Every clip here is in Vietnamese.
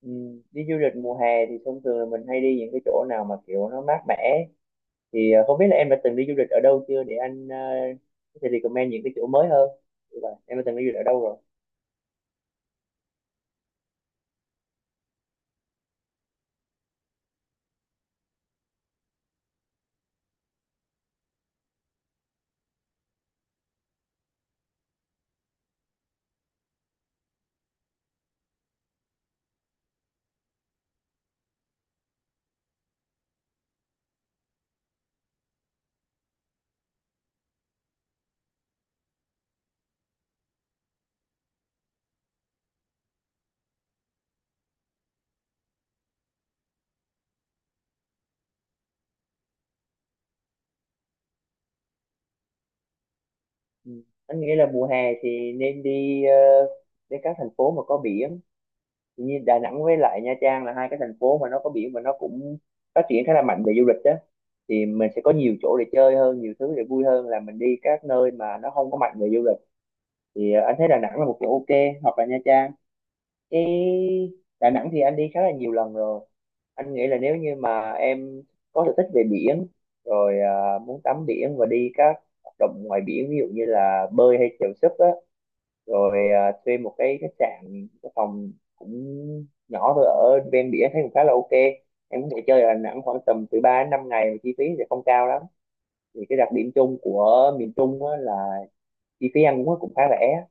Ừ, Đi du lịch mùa hè thì thông thường là mình hay đi những cái chỗ nào mà kiểu nó mát mẻ, thì không biết là em đã từng đi du lịch ở đâu chưa để anh có thể recommend những cái chỗ mới hơn. Như vậy, em đã từng đi du lịch ở đâu rồi? Ừ. Anh nghĩ là mùa hè thì nên đi đến các thành phố mà có biển. Thì như Đà Nẵng với lại Nha Trang là hai cái thành phố mà nó có biển và nó cũng phát triển khá là mạnh về du lịch đó, thì mình sẽ có nhiều chỗ để chơi hơn, nhiều thứ để vui hơn là mình đi các nơi mà nó không có mạnh về du lịch. Thì anh thấy Đà Nẵng là một chỗ ok, hoặc là Nha Trang. Chứ Đà Nẵng thì anh đi khá là nhiều lần rồi. Anh nghĩ là nếu như mà em có sở thích về biển, rồi à, muốn tắm biển và đi các hoạt động ngoài biển, ví dụ như là bơi hay chèo súp á, rồi à, thuê một cái khách sạn, cái phòng cũng nhỏ thôi ở ven biển thấy cũng khá là ok. Em có thể chơi ở Đà Nẵng khoảng tầm từ 3 đến 5 ngày mà chi phí sẽ không cao lắm. Thì cái đặc điểm chung của miền Trung á, là chi phí ăn uống cũng khá rẻ.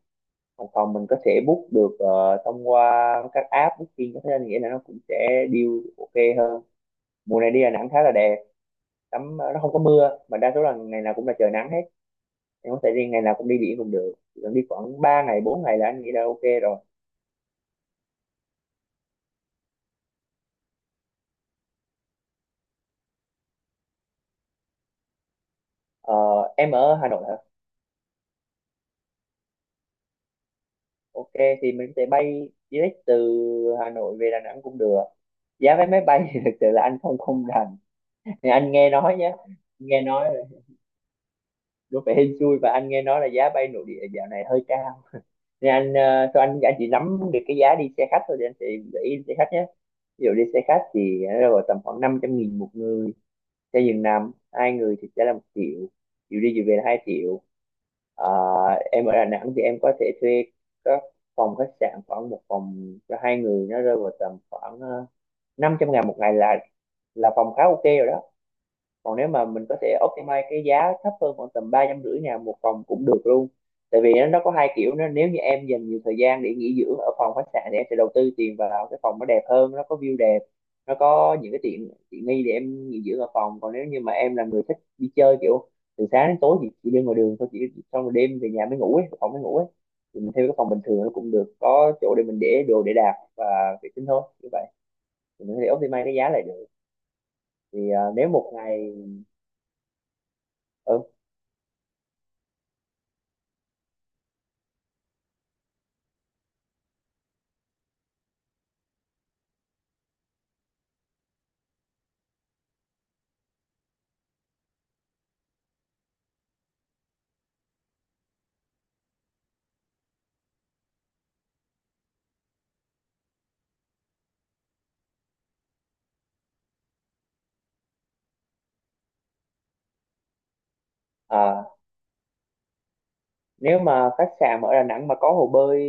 Còn phòng mình có thể book được thông qua các app booking, thế nên nghĩa là nó cũng sẽ deal ok hơn. Mùa này đi Đà Nẵng khá là đẹp, tắm nó không có mưa mà đa số là ngày nào cũng là trời nắng hết. Em có thể đi ngày nào cũng đi biển cũng được. Chỉ cần đi khoảng 3 ngày 4 ngày là anh nghĩ là ok rồi. Ờ, em ở Hà Nội hả? Ok, thì mình có thể bay direct từ Hà Nội về Đà Nẵng cũng được. Giá vé máy bay thì thực sự là anh không không rành, thì anh nghe nói nhé. Nghe nói là đúng phải hên xui, và anh nghe nói là giá bay nội địa dạo này hơi cao. Thì anh thôi anh chỉ nắm được cái giá đi xe khách thôi, thì anh sẽ gợi ý xe khách nhé. Ví dụ đi xe khách thì nó rơi vào tầm khoảng 500 nghìn một người, cho giường nằm hai người thì sẽ là một triệu, chiều đi chiều về là hai triệu. Ờ, em ở Đà Nẵng thì em có thể thuê các phòng khách sạn, khoảng một phòng cho hai người nó rơi vào tầm khoảng 500 ngàn một ngày là phòng khá ok rồi đó. Còn nếu mà mình có thể optimize cái giá thấp hơn, khoảng tầm ba trăm rưỡi ngàn một phòng cũng được luôn. Tại vì nó có hai kiểu nó. Nếu như em dành nhiều thời gian để nghỉ dưỡng ở phòng khách sạn thì em sẽ đầu tư tiền vào cái phòng nó đẹp hơn, nó có view đẹp, nó có những cái tiện tiện nghi để em nghỉ dưỡng ở phòng. Còn nếu như mà em là người thích đi chơi kiểu từ sáng đến tối thì chỉ đi ngoài đường thôi, chỉ xong rồi đêm về nhà mới ngủ ấy, phòng mới ngủ ấy, thì mình thuê cái phòng bình thường nó cũng được, có chỗ để mình để đồ để đạc và vệ sinh thôi. Như vậy thì mình có thể optimize cái giá lại được. Thì à, nếu một ngày ừ, à, nếu mà khách sạn mà ở Đà Nẵng mà có hồ bơi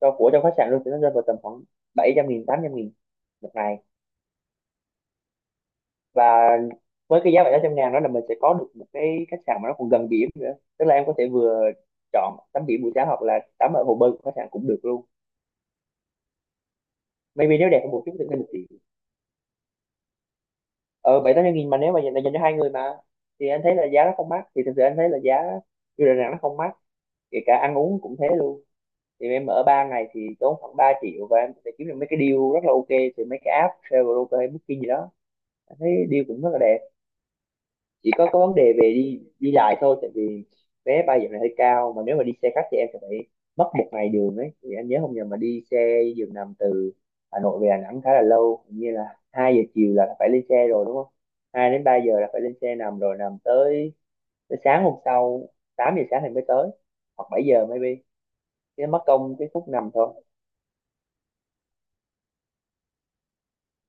cho của trong khách sạn luôn thì nó rơi vào tầm khoảng 700 nghìn 800 nghìn một ngày. Và với cái giá 700 ngàn đó là mình sẽ có được một cái khách sạn mà nó còn gần biển nữa, tức là em có thể vừa chọn tắm biển buổi sáng hoặc là tắm ở hồ bơi của khách sạn cũng được luôn. Maybe nếu đẹp hơn một chút thì mình chỉ ờ bảy tám trăm nghìn, mà nếu mà dành cho hai người mà, thì anh thấy là giá nó không mắc. Thì thực sự anh thấy là giá du lịch Đà Nẵng nó không mắc, kể cả ăn uống cũng thế luôn. Thì em ở 3 ngày thì tốn khoảng 3 triệu, và em sẽ kiếm được mấy cái deal rất là ok từ mấy cái app Traveloka hay Booking gì đó. Em thấy deal cũng rất là đẹp. Chỉ có vấn đề về đi đi lại thôi, tại vì vé bay giờ này hơi cao, mà nếu mà đi xe khách thì em sẽ phải mất một ngày đường ấy. Thì anh nhớ không nhầm mà đi xe giường nằm từ Hà Nội về Đà Nẵng khá là lâu, hình như là 2 giờ chiều là phải lên xe rồi đúng không, 2 đến 3 giờ là phải lên xe nằm rồi, nằm tới tới sáng hôm sau, 8 giờ sáng thì mới tới, hoặc 7 giờ maybe. Cái mất công cái phút nằm thôi.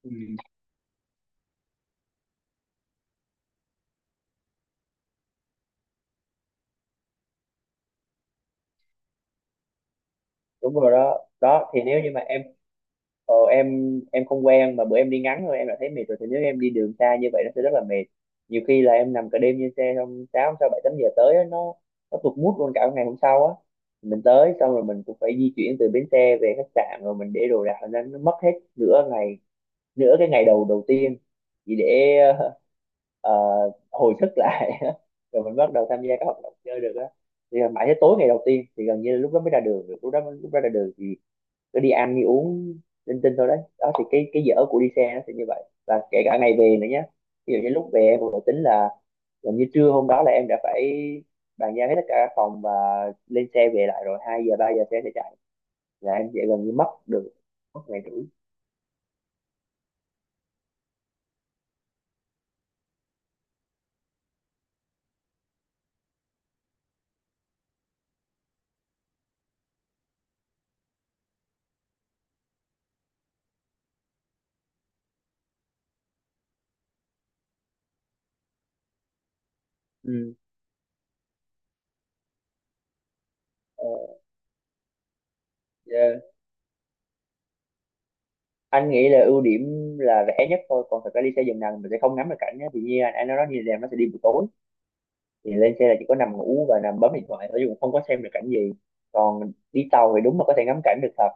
Ừ. Đúng rồi đó đó, thì nếu như mà em ờ, em em không quen, mà bữa em đi ngắn thôi em đã thấy mệt rồi, thì nếu em đi đường xa như vậy nó sẽ rất là mệt. Nhiều khi là em nằm cả đêm trên xe, xong sáu sáu bảy tám giờ tới á, nó tụt mood luôn cả ngày hôm sau á. Mình tới xong rồi mình cũng phải di chuyển từ bến xe về khách sạn, rồi mình để đồ đạc, nên nó mất hết nửa ngày, nửa cái ngày đầu đầu tiên, chỉ để hồi sức lại. Rồi mình bắt đầu tham gia các hoạt động chơi được á, thì mãi tới tối ngày đầu tiên thì gần như là lúc đó mới ra đường được, lúc đó ra đường thì cứ đi ăn đi uống linh tinh thôi đấy đó. Thì cái dở của đi xe nó sẽ như vậy, và kể cả ngày về nữa nhé. Ví dụ như lúc về em cũng đã tính là gần như trưa hôm đó là em đã phải bàn giao hết tất cả các phòng và lên xe về lại rồi, hai giờ ba giờ xe sẽ chạy, là em sẽ gần như mất được mất ngày rưỡi. Ừ. Ờ, yeah, anh nghĩ là ưu điểm là rẻ nhất thôi. Còn thật ra đi xe giường nằm mình sẽ không ngắm được cảnh nhé, thì như anh nói đó, như là nó sẽ đi buổi tối thì lên xe là chỉ có nằm ngủ và nằm bấm điện thoại thôi, chứ cũng không có xem được cảnh gì. Còn đi tàu thì đúng là có thể ngắm cảnh được thật,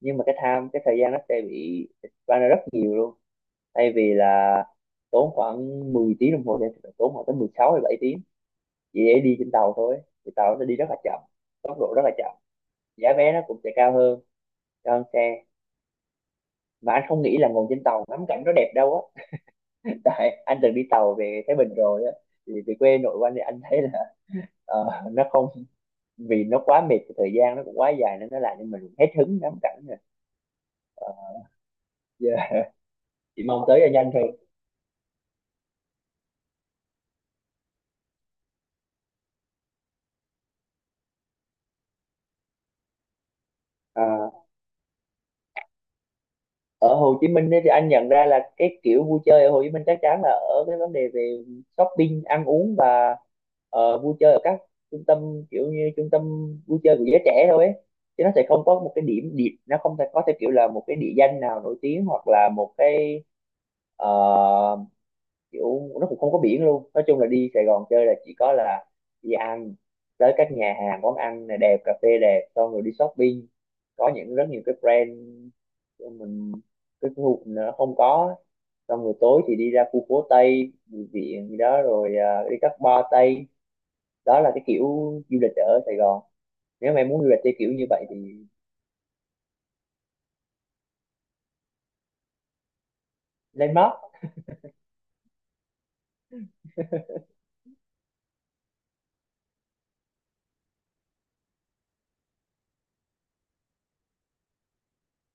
nhưng mà cái time, cái thời gian nó sẽ bị expand ra rất nhiều luôn. Thay vì là tốn khoảng 10 tiếng đồng hồ thì phải tốn khoảng tới 16 hay 7 tiếng chỉ để đi trên tàu thôi. Thì tàu nó đi rất là chậm, tốc độ rất là chậm, giá vé nó cũng sẽ cao hơn, cao hơn xe. Mà anh không nghĩ là ngồi trên tàu ngắm cảnh nó đẹp đâu á. Tại anh từng đi tàu về Thái Bình rồi á, thì về quê nội của anh, thì anh thấy là ờ, nó không, vì nó quá mệt, thời gian nó cũng quá dài nên nó làm cho mình hết hứng ngắm cảnh rồi, giờ chỉ mong tới cho nhanh thôi. À, ở Hồ Chí Minh ấy, thì anh nhận ra là cái kiểu vui chơi ở Hồ Chí Minh chắc chắn là ở cái vấn đề về shopping, ăn uống, và vui chơi ở các trung tâm, kiểu như trung tâm vui chơi của giới trẻ thôi ấy. Chứ nó sẽ không có một cái điểm điểm nó không thể có theo kiểu là một cái địa danh nào nổi tiếng hoặc là một ờ, kiểu, nó cũng không có biển. Luôn nói chung là đi Sài Gòn chơi là chỉ có là đi ăn tới các nhà hàng, quán ăn này đẹp, cà phê đẹp, xong rồi đi shopping, có những rất nhiều cái brand mình cái khu nó không có. Xong rồi tối thì đi ra khu phố Tây Bùi Viện gì đó rồi, à, đi các bar Tây. Đó là cái kiểu du lịch ở Sài Gòn, nếu mà em muốn du lịch theo kiểu như vậy thì lên Mác.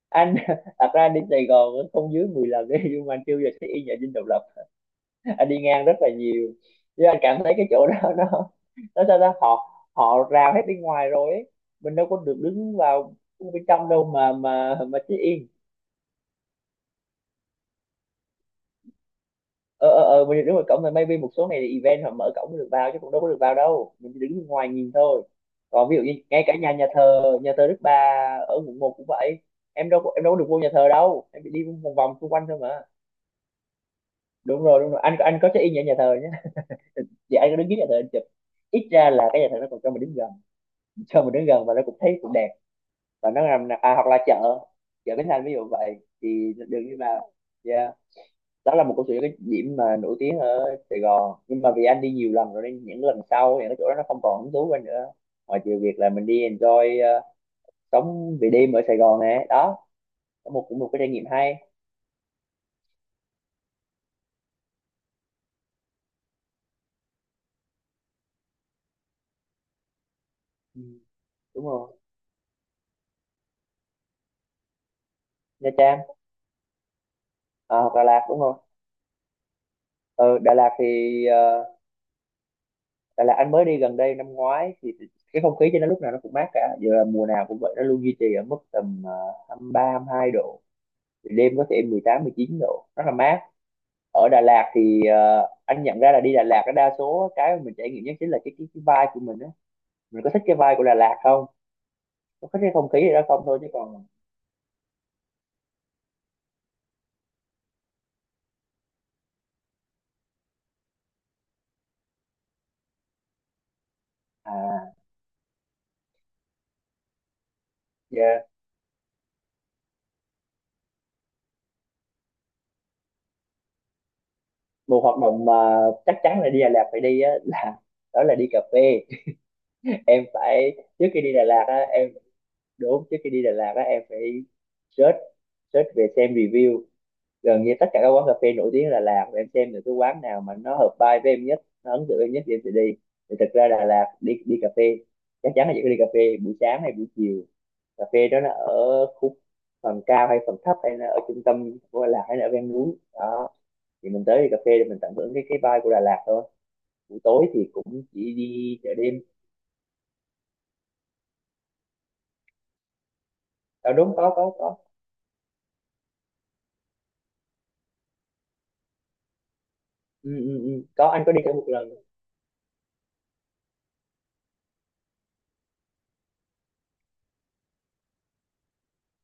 Anh thật ra anh đến Sài Gòn cũng không dưới 10 lần đấy, nhưng mà anh chưa du lịch cái y nhà Dinh Độc Lập. Anh đi ngang rất là nhiều nhưng anh cảm thấy cái chỗ đó nó sao ta, họ họ rào hết bên ngoài rồi ấy. Mình đâu có được đứng vào bên trong đâu mà check in. Ờ, ờ, ờ, mình đứng ngoài cổng rồi, maybe một số này thì event họ mở cổng mới được vào, chứ cũng đâu có được vào đâu, mình chỉ đứng bên ngoài nhìn thôi. Còn ví dụ như ngay cả nhà nhà thờ Đức Bà ở Quận 1 cũng vậy. Em đâu có được vô nhà thờ đâu, em chỉ đi vòng vòng xung quanh thôi mà. Đúng rồi, đúng rồi, anh có check in ở nhà thờ nhé, vậy anh có đứng dưới nhà thờ anh chụp. Ít ra là cái nhà thờ nó còn cho mình đứng gần, và nó cũng thấy cũng đẹp. Và nó làm, à, hoặc là chợ chợ Bến Thành ví dụ vậy, thì đường đi vào. Yeah, đó là một câu chuyện, cái điểm mà nổi tiếng ở Sài Gòn, nhưng mà vì anh đi nhiều lần rồi nên những lần sau thì cái chỗ đó nó không còn hứng thú với anh nữa, ngoài trừ việc là mình đi enjoy, sống về đêm ở Sài Gòn này đó, có một cũng một cái trải nghiệm hay. Ừ, đúng rồi. Nha Trang, à, hoặc Đà Lạt đúng không. Ừ, Đà Lạt Đà Lạt anh mới đi gần đây năm ngoái, thì cái không khí trên nó lúc nào nó cũng mát cả, giờ là mùa nào cũng vậy, nó luôn duy trì ở mức tầm 23 22 độ. Thì đêm có thể 18 19 độ, rất là mát. Ở Đà Lạt anh nhận ra là đi Đà Lạt á, đa số cái mà mình trải nghiệm nhất chính là cái vibe của mình á, mình có thích cái vibe của Đà Lạt không, có thích cái không khí ở đó không thôi, chứ còn. À, yeah. Một hoạt động mà chắc chắn là đi Đà Lạt phải đi á, là đó là đi cà phê. Em phải, trước khi đi Đà Lạt á em trước khi đi Đà Lạt á em phải search, về xem review gần như tất cả các quán cà phê nổi tiếng ở Đà Lạt, và em xem được cái quán nào mà nó hợp vibe với em nhất, nó ấn tượng em nhất, thì em sẽ đi. Thì thật ra Đà Lạt đi đi cà phê, chắc chắn là chỉ có đi cà phê buổi sáng hay buổi chiều. Cà phê đó nó ở khúc phần cao hay phần thấp, hay là ở trung tâm của Đà Lạt hay là ở ven núi đó, thì mình tới đi cà phê để mình tận hưởng cái vibe của Đà Lạt thôi. Buổi tối thì cũng chỉ đi chợ đêm đó, đúng. Có, có, có. Ừ, ừ, ừ. Có, anh có đi cả một lần.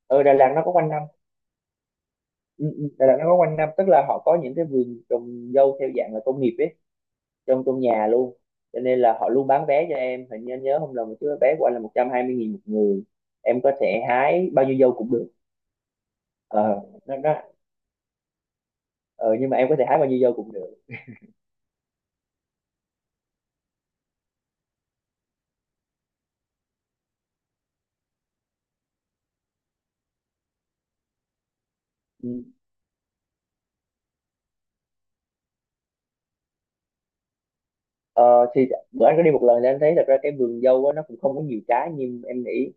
Ừ, Đà Lạt nó có quanh năm. Ừ, ừ, Đà Lạt nó có quanh năm, tức là họ có những cái vườn trồng dâu theo dạng là công nghiệp ấy, trong trong nhà luôn. Cho nên là họ luôn bán vé cho em, hình như anh nhớ không lầm, một cái vé của anh là 120.000 một người, em có thể hái bao nhiêu dâu cũng được. ờ nó, nó, ờ, nhưng mà em có thể hái bao nhiêu dâu cũng được. Ừ. ờ, thì bữa anh có đi một lần thì anh thấy thật ra cái vườn dâu á, nó cũng không có nhiều trái như em nghĩ.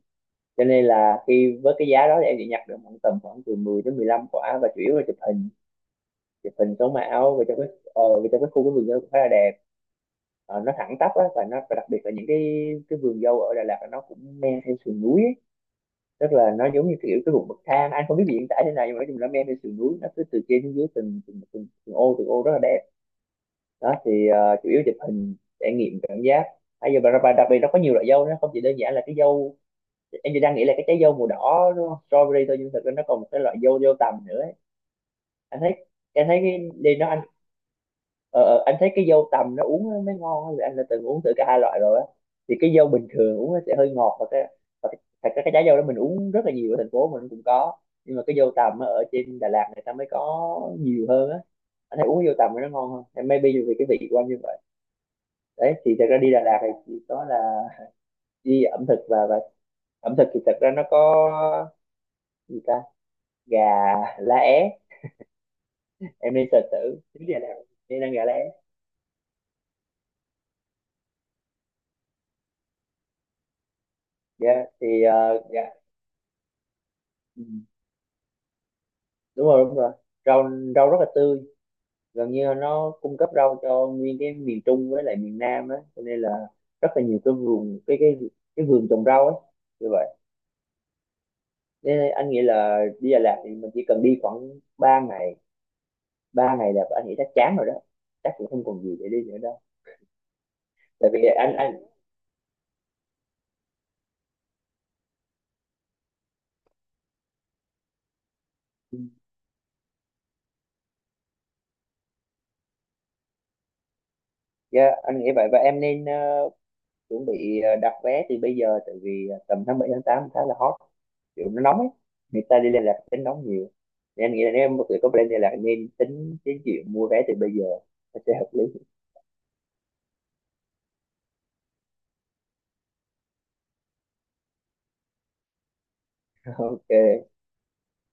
Cho nên là khi với cái giá đó thì em chỉ nhặt được khoảng tầm khoảng từ 10 đến 15 quả, và chủ yếu là chụp hình, chụp hình sống ảo, và trong cái, và trong cái khu cái vườn dâu cũng khá là đẹp. Ờ, nó thẳng tắp á, và nó và đặc biệt là những cái vườn dâu ở Đà Lạt là nó cũng men theo sườn núi á, tức là nó giống như kiểu cái vùng bậc thang. Anh không biết hiện tại thế này nhưng mà nói chung là men trên sườn núi nó cứ từ trên xuống dưới, từng ô từng ô, rất là đẹp. Đó thì, chủ yếu chụp hình, trải nghiệm cảm giác bây giờ, và đặc biệt nó có nhiều loại dâu, nó không chỉ đơn giản là cái dâu em chỉ đang nghĩ là cái trái dâu màu đỏ đúng không? Strawberry thôi, nhưng thực ra nó còn một cái loại dâu dâu tằm nữa ấy. Anh thấy, anh thấy cái đi nó ờ, ờ, anh thấy cái dâu tằm nó uống nó mới ngon á, vì anh đã từng uống thử cả hai loại rồi á. Thì cái dâu bình thường uống nó sẽ hơi ngọt, thật ra cái trái dâu đó mình uống rất là nhiều, ở thành phố mình cũng có. Nhưng mà cái dâu tằm á, ở trên Đà Lạt người ta mới có nhiều hơn á, anh thấy uống dâu tằm nó ngon hơn. Hay maybe vì cái vị của anh như vậy. Đấy thì thật ra đi Đà Lạt thì chỉ có là đi ẩm thực. Và ẩm thực thì thật ra nó có gì ta, gà lá é, em nên search thử, nếu Đà Lạt nên ăn gà lá é. Yeah. Đúng rồi, đúng rồi, rau rau rất là tươi, gần như nó cung cấp rau cho nguyên cái miền Trung với lại miền Nam á, cho nên là rất là nhiều cái vườn, cái vườn trồng rau ấy. Như vậy nên anh nghĩ là đi Đà Lạt thì mình chỉ cần đi khoảng 3 ngày, 3 ngày là anh nghĩ chắc chán rồi đó, chắc cũng không còn gì để đi nữa đâu, tại vì anh. Yeah, anh nghĩ vậy và em nên, chuẩn bị, đặt vé từ bây giờ, tại vì, tầm tháng 7 tháng 8 khá là hot, kiểu nó nóng ấy, người ta đi liên lạc tính nóng nhiều, nên em nghĩ là nếu em có thể có plan liên lạc nên tính đến chuyện mua vé từ bây giờ, nó sẽ hợp lý. Ok.